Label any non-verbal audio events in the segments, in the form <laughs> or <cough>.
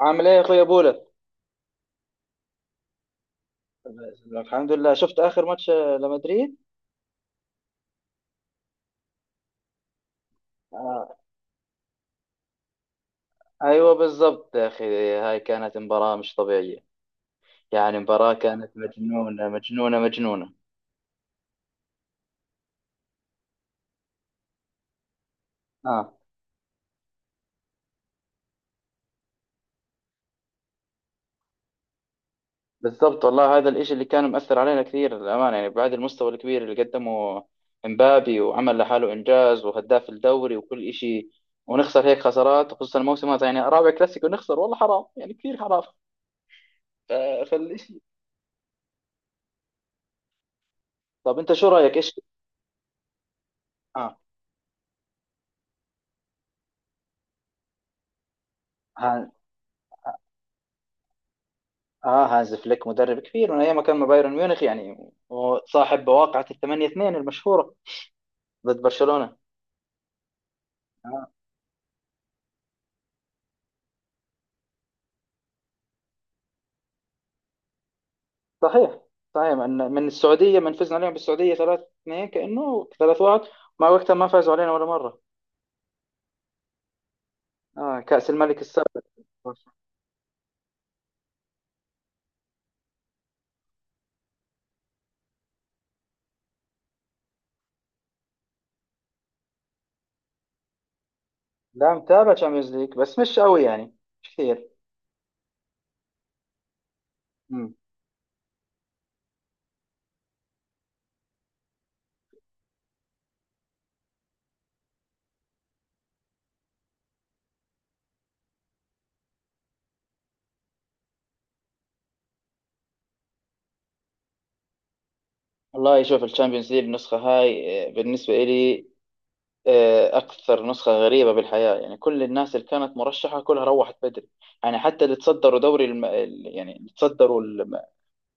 عامل ايه يا اخويا بولا؟ الحمد لله، شفت اخر ماتش لمدريد. آه. ايوه بالضبط يا اخي. هاي كانت مباراة مش طبيعية، يعني مباراة كانت مجنونة مجنونة مجنونة. اه بالضبط، والله هذا الاشي اللي كان مؤثر علينا كثير للامانة، يعني بعد المستوى الكبير اللي قدمه امبابي وعمل لحاله انجاز وهداف الدوري وكل اشي، ونخسر هيك خسارات، خصوصا الموسم هذا، يعني رابع كلاسيكو نخسر، والله حرام يعني، كثير حرام. فالاشي طب انت شو رايك ايش. اه اه هانز فليك مدرب كبير من ايام ما كان مع بايرن ميونخ يعني، وصاحب بواقعة الثمانية اثنين المشهورة ضد برشلونة. آه. صحيح. صحيح، من السعودية، من فزنا عليهم بالسعودية 3-2، كأنه 3-1، مع وقتها ما فازوا علينا ولا مرة. اه كأس الملك السابق. لا، متابع تشامبيونز ليج بس مش قوي يعني، مش كثير. مم. والله شوف الشامبيونز ليج النسخة هاي، بالنسبة إلي أكثر نسخة غريبة بالحياة يعني، كل الناس اللي كانت مرشحة كلها روحت بدري. يعني حتى اللي تصدروا دوري الم... ال- يعني اللي تصدروا الم-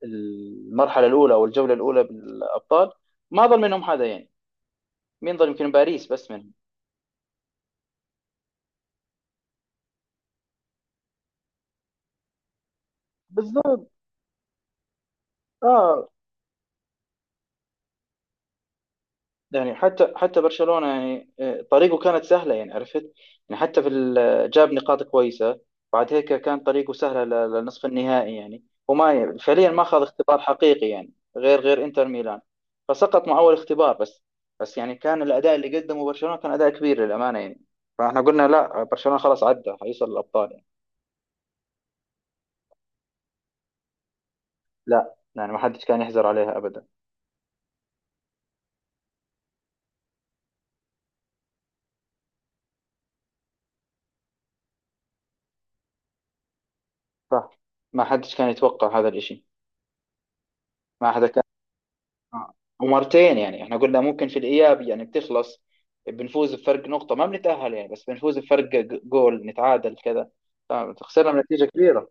المرحلة الأولى أو الجولة الأولى بالأبطال، ما ظل منهم حدا يعني. مين ظل؟ يمكن باريس بس منهم. بالظبط. اه يعني حتى برشلونة يعني طريقه كانت سهلة يعني، عرفت؟ يعني حتى في ال- آه، جاب نقاط كويسة، بعد هيك كان طريقه سهلة للنصف النهائي يعني، فعليا ما أخذ اختبار حقيقي يعني، غير إنتر ميلان، فسقط مع أول اختبار بس. بس يعني كان الأداء اللي قدمه برشلونة كان أداء كبير للأمانة يعني، فاحنا قلنا لا برشلونة خلاص عدى حيوصل للأبطال يعني. لا يعني ما حدش كان يحزر عليها أبدا. صح، ما حدش كان يتوقع هذا الإشي. ما حدا كان. آه. ومرتين يعني، احنا قلنا ممكن في الاياب يعني بتخلص، بنفوز بفرق نقطه ما بنتاهل يعني، بس بنفوز بفرق جول، نتعادل كذا، فخسرنا بنتيجه كبيره.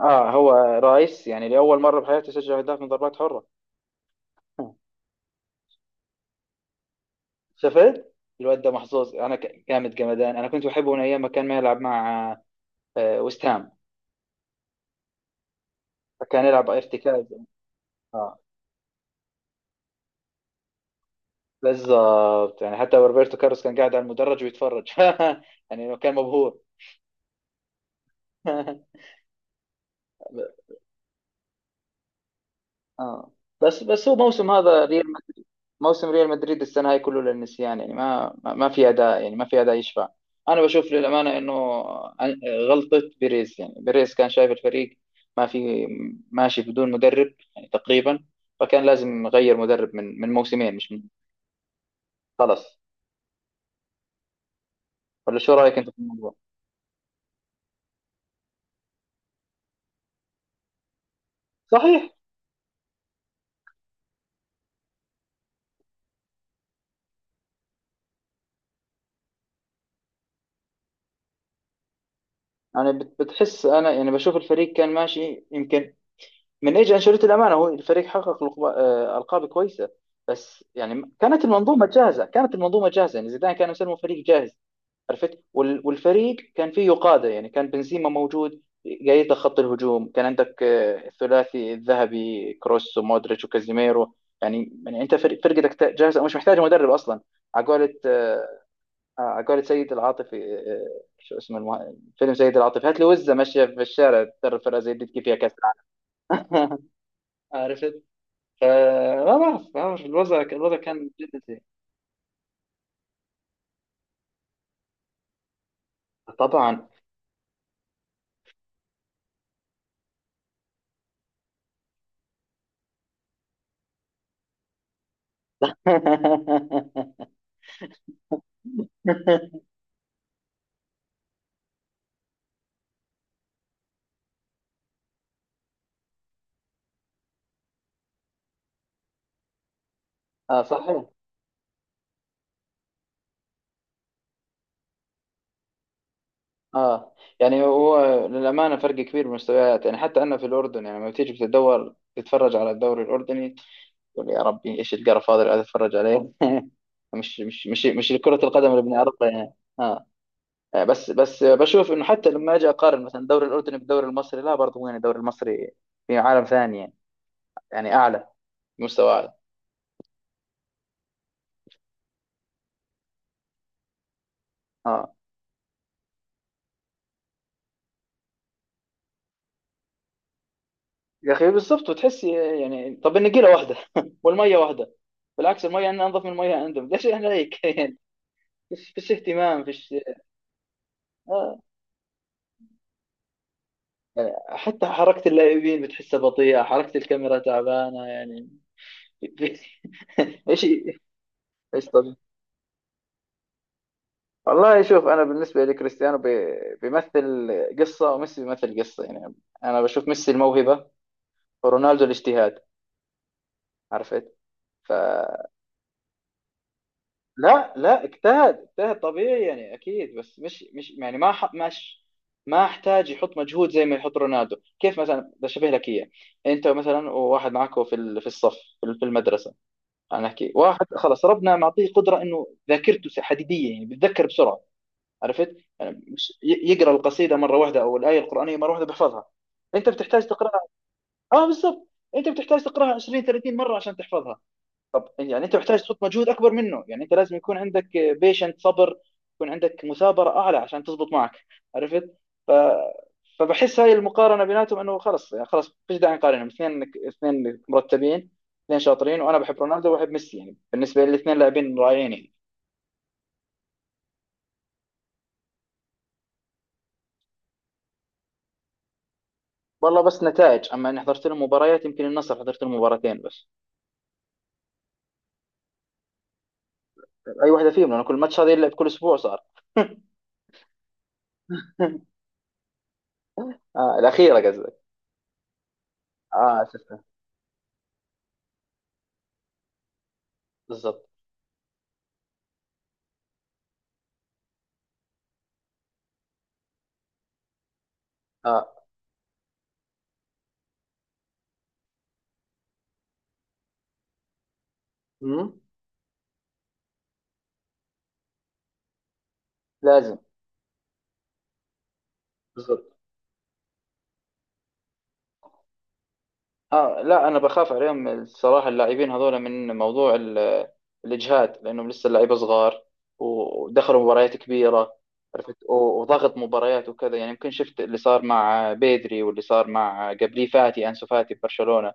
اه، هو رايس يعني لاول مره بحياته سجل اهداف من ضربات حره. شفت الواد ده؟ محظوظ. انا جامد جمدان. انا كنت بحبه من ايام ما كان ما يلعب مع ويست هام، فكان يلعب ارتكاز. اه بالضبط، يعني حتى روبرتو كارلوس كان قاعد على المدرج ويتفرج <laughs> يعني كان مبهور. <laughs> اه. بس بس هو موسم هذا ريال مدريد، موسم ريال مدريد السنه هاي كله للنسيان يعني، ما في اداء يعني، ما في اداء يشفع. انا بشوف للامانه انه عن- غلطه بيريز. يعني بيريز كان شايف الفريق ما في، ماشي بدون مدرب يعني تقريبا، فكان لازم يغير مدرب من موسمين مش من خلاص. ولا شو رايك انت في الموضوع؟ صحيح. يعني بتحس انا يعني بشوف الفريق كان ماشي يمكن من ايجي انشيلوتي الامانه، هو الفريق حقق القاب كويسه، بس يعني كانت المنظومه جاهزه يعني. زيدان كان يسموه فريق جاهز، عرفت؟ والفريق كان فيه قاده يعني، كان بنزيما موجود قايد لك خط الهجوم، كان عندك الثلاثي الذهبي كروس ومودريتش وكازيميرو. يعني انت فرقتك جاهزه، مش محتاجه مدرب اصلا. على قولة على قولة سيد العاطفي، فيلم سيد العاطفي، هات لي وزه ماشيه في الشارع تدرب فرقه زي دي، تجيب فيها كاس العالم. <laughs> عرفت؟ فما بعرف، ما بعرف، الوضع الوضع كان جدا سيء. طبعا. <laughs> اه صحيح. اه يعني هو للامانه فرق كبير بالمستويات يعني. حتى انا في الاردن يعني لما بتيجي بتدور تتفرج على الدوري الاردني، تقول يا ربي ايش القرف هذا اللي قاعد اتفرج عليه. <laughs> مش كره القدم اللي بنعرفها يعني. اه. بس بشوف انه حتى لما اجي اقارن مثلا الدوري الاردني بالدوري المصري، لا برضه يعني الدوري المصري في عالم ثاني يعني، يعني اعلى، مستوى اعلى. اه يا اخي بالظبط وتحسي. يعني طب النجيله واحده <laughs> والميه واحده، بالعكس الميه عندنا انظف من الميه عندهم، ليش احنا هيك؟ <laughs> يعني فيش اهتمام فيش. آه. يعني حتى حركه اللاعبين بتحسها بطيئه، حركه الكاميرا تعبانه يعني. <laughs> ايش، ايش طبيعي. والله شوف، انا بالنسبه لكريستيانو بيمثل قصه، وميسي بيمثل قصه يعني. انا بشوف ميسي الموهبه ورونالدو الاجتهاد، عرفت؟ ف لا اجتهد، اجتهد طبيعي يعني اكيد، بس مش ما احتاج يحط مجهود زي ما يحط رونالدو. كيف مثلا بشبه لك اياه، انت مثلا وواحد معك في الصف، في المدرسه. انا احكي واحد خلص ربنا معطيه قدره انه ذاكرته حديديه يعني، بيتذكر بسرعه، عرفت؟ يعني مش يقرا القصيده مره واحده او الايه القرانيه مره واحده بيحفظها. انت بتحتاج تقراها. اه بالضبط. انت بتحتاج تقراها 20 30 مره عشان تحفظها. طب يعني انت محتاج تحط مجهود اكبر منه يعني، انت لازم يكون عندك بيشنت صبر، يكون عندك مثابره اعلى عشان تزبط معك، عرفت؟ ف... فبحس هاي المقارنه بيناتهم انه خلص يعني، خلص فيش داعي نقارنهم، اثنين اثنين مرتبين، اثنين شاطرين، وانا بحب رونالدو وبحب ميسي يعني، بالنسبه لي الاثنين لاعبين رائعين يعني. والله بس نتائج، اما اني حضرت لهم مباريات، يمكن النصر حضرت لهم مباراتين بس. اي واحده فيهم؟ لانه كل ماتش هذا يلعب كل اسبوع صار. <laughs> آه الاخيره قصدك. اه شفتها بالضبط. اه. مم. لازم. بالضبط. آه لا، انا بخاف عليهم الصراحه اللاعبين هذول من موضوع الاجهاد، لانهم لسه اللعيبه صغار ودخلوا مباريات كبيره، عرفت؟ وضغط مباريات وكذا يعني، يمكن شفت اللي صار مع بيدري واللي صار مع قبليه فاتي، انسو فاتي ببرشلونه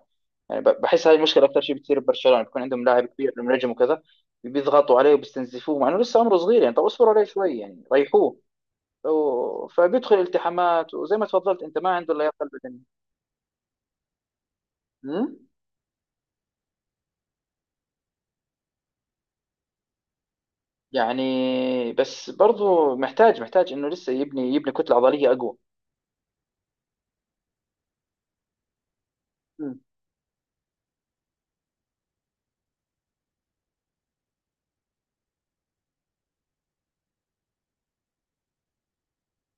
يعني. بحس هذه المشكله اكثر شيء بتصير ببرشلونه، بيكون عندهم لاعب كبير نجم وكذا، بيضغطوا عليه وبيستنزفوه مع انه لسه عمره صغير يعني. طب اصبروا عليه شوي يعني، ريحوه. فبيدخل التحامات، وزي ما تفضلت انت ما عنده لياقه بدنيه يعني. بس برضو محتاج، انه لسه يبني، يبني كتله عضليه اقوى. مم.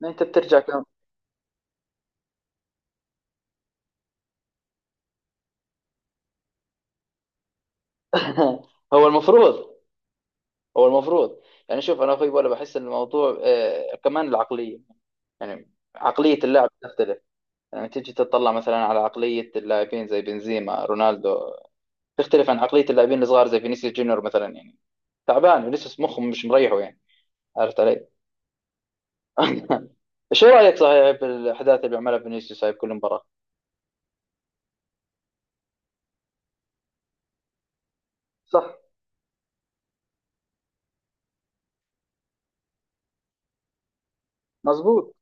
انت بترجع كم؟ <laughs> هو المفروض، هو المفروض. يعني شوف انا اخوي، ولا بحس ان الموضوع آه كمان العقليه، يعني عقليه اللاعب تختلف. يعني تيجي تطلع مثلا على عقليه اللاعبين زي بنزيما، رونالدو، تختلف عن عقليه اللاعبين الصغار زي فينيسيوس جونيور مثلا يعني، تعبان ولسه مخه مش مريحه يعني، عرفت علي؟ <laughs> شو رايك؟ صحيح بالاحداث اللي بيعملها فينيسيوس هاي بكل مباراه. صح. مزبوط.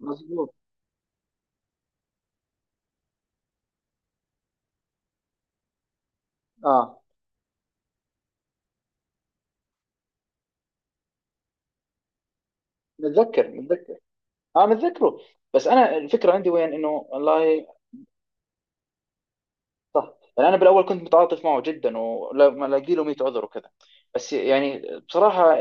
مظبوط. اه متذكر. اه متذكره. بس انا الفكره عندي وين؟ انه والله يعني انا بالاول كنت متعاطف معه جدا، ولما الاقي له 100 عذر وكذا، بس يعني بصراحه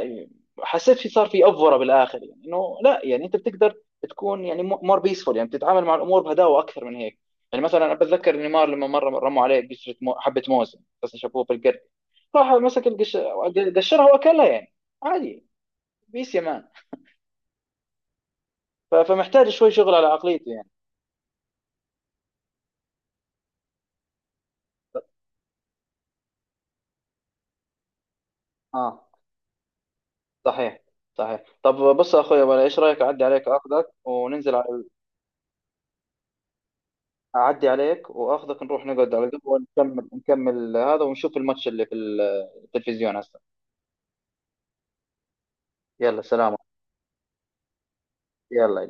حسيت في، صار في افوره بالاخر يعني، انه لا يعني انت بتقدر تكون يعني مور بيسفول يعني، بتتعامل مع الامور بهداوه اكثر من هيك. يعني مثلا أنا بتذكر نيمار لما مره رموا عليه حبه موز، بس شافوه بالقرد، راح مسك قشرها واكلها يعني عادي، بيس يا مان. فمحتاج شوي شغل على عقليته يعني. اه صحيح. صحيح طب بص يا اخويا بقى، ايش رايك اعدي عليك اخذك وننزل على، اعدي عليك واخذك نروح نقعد على القهوه، نكمل نكمل هذا ونشوف الماتش اللي في التلفزيون هسه. يلا سلام. يلا.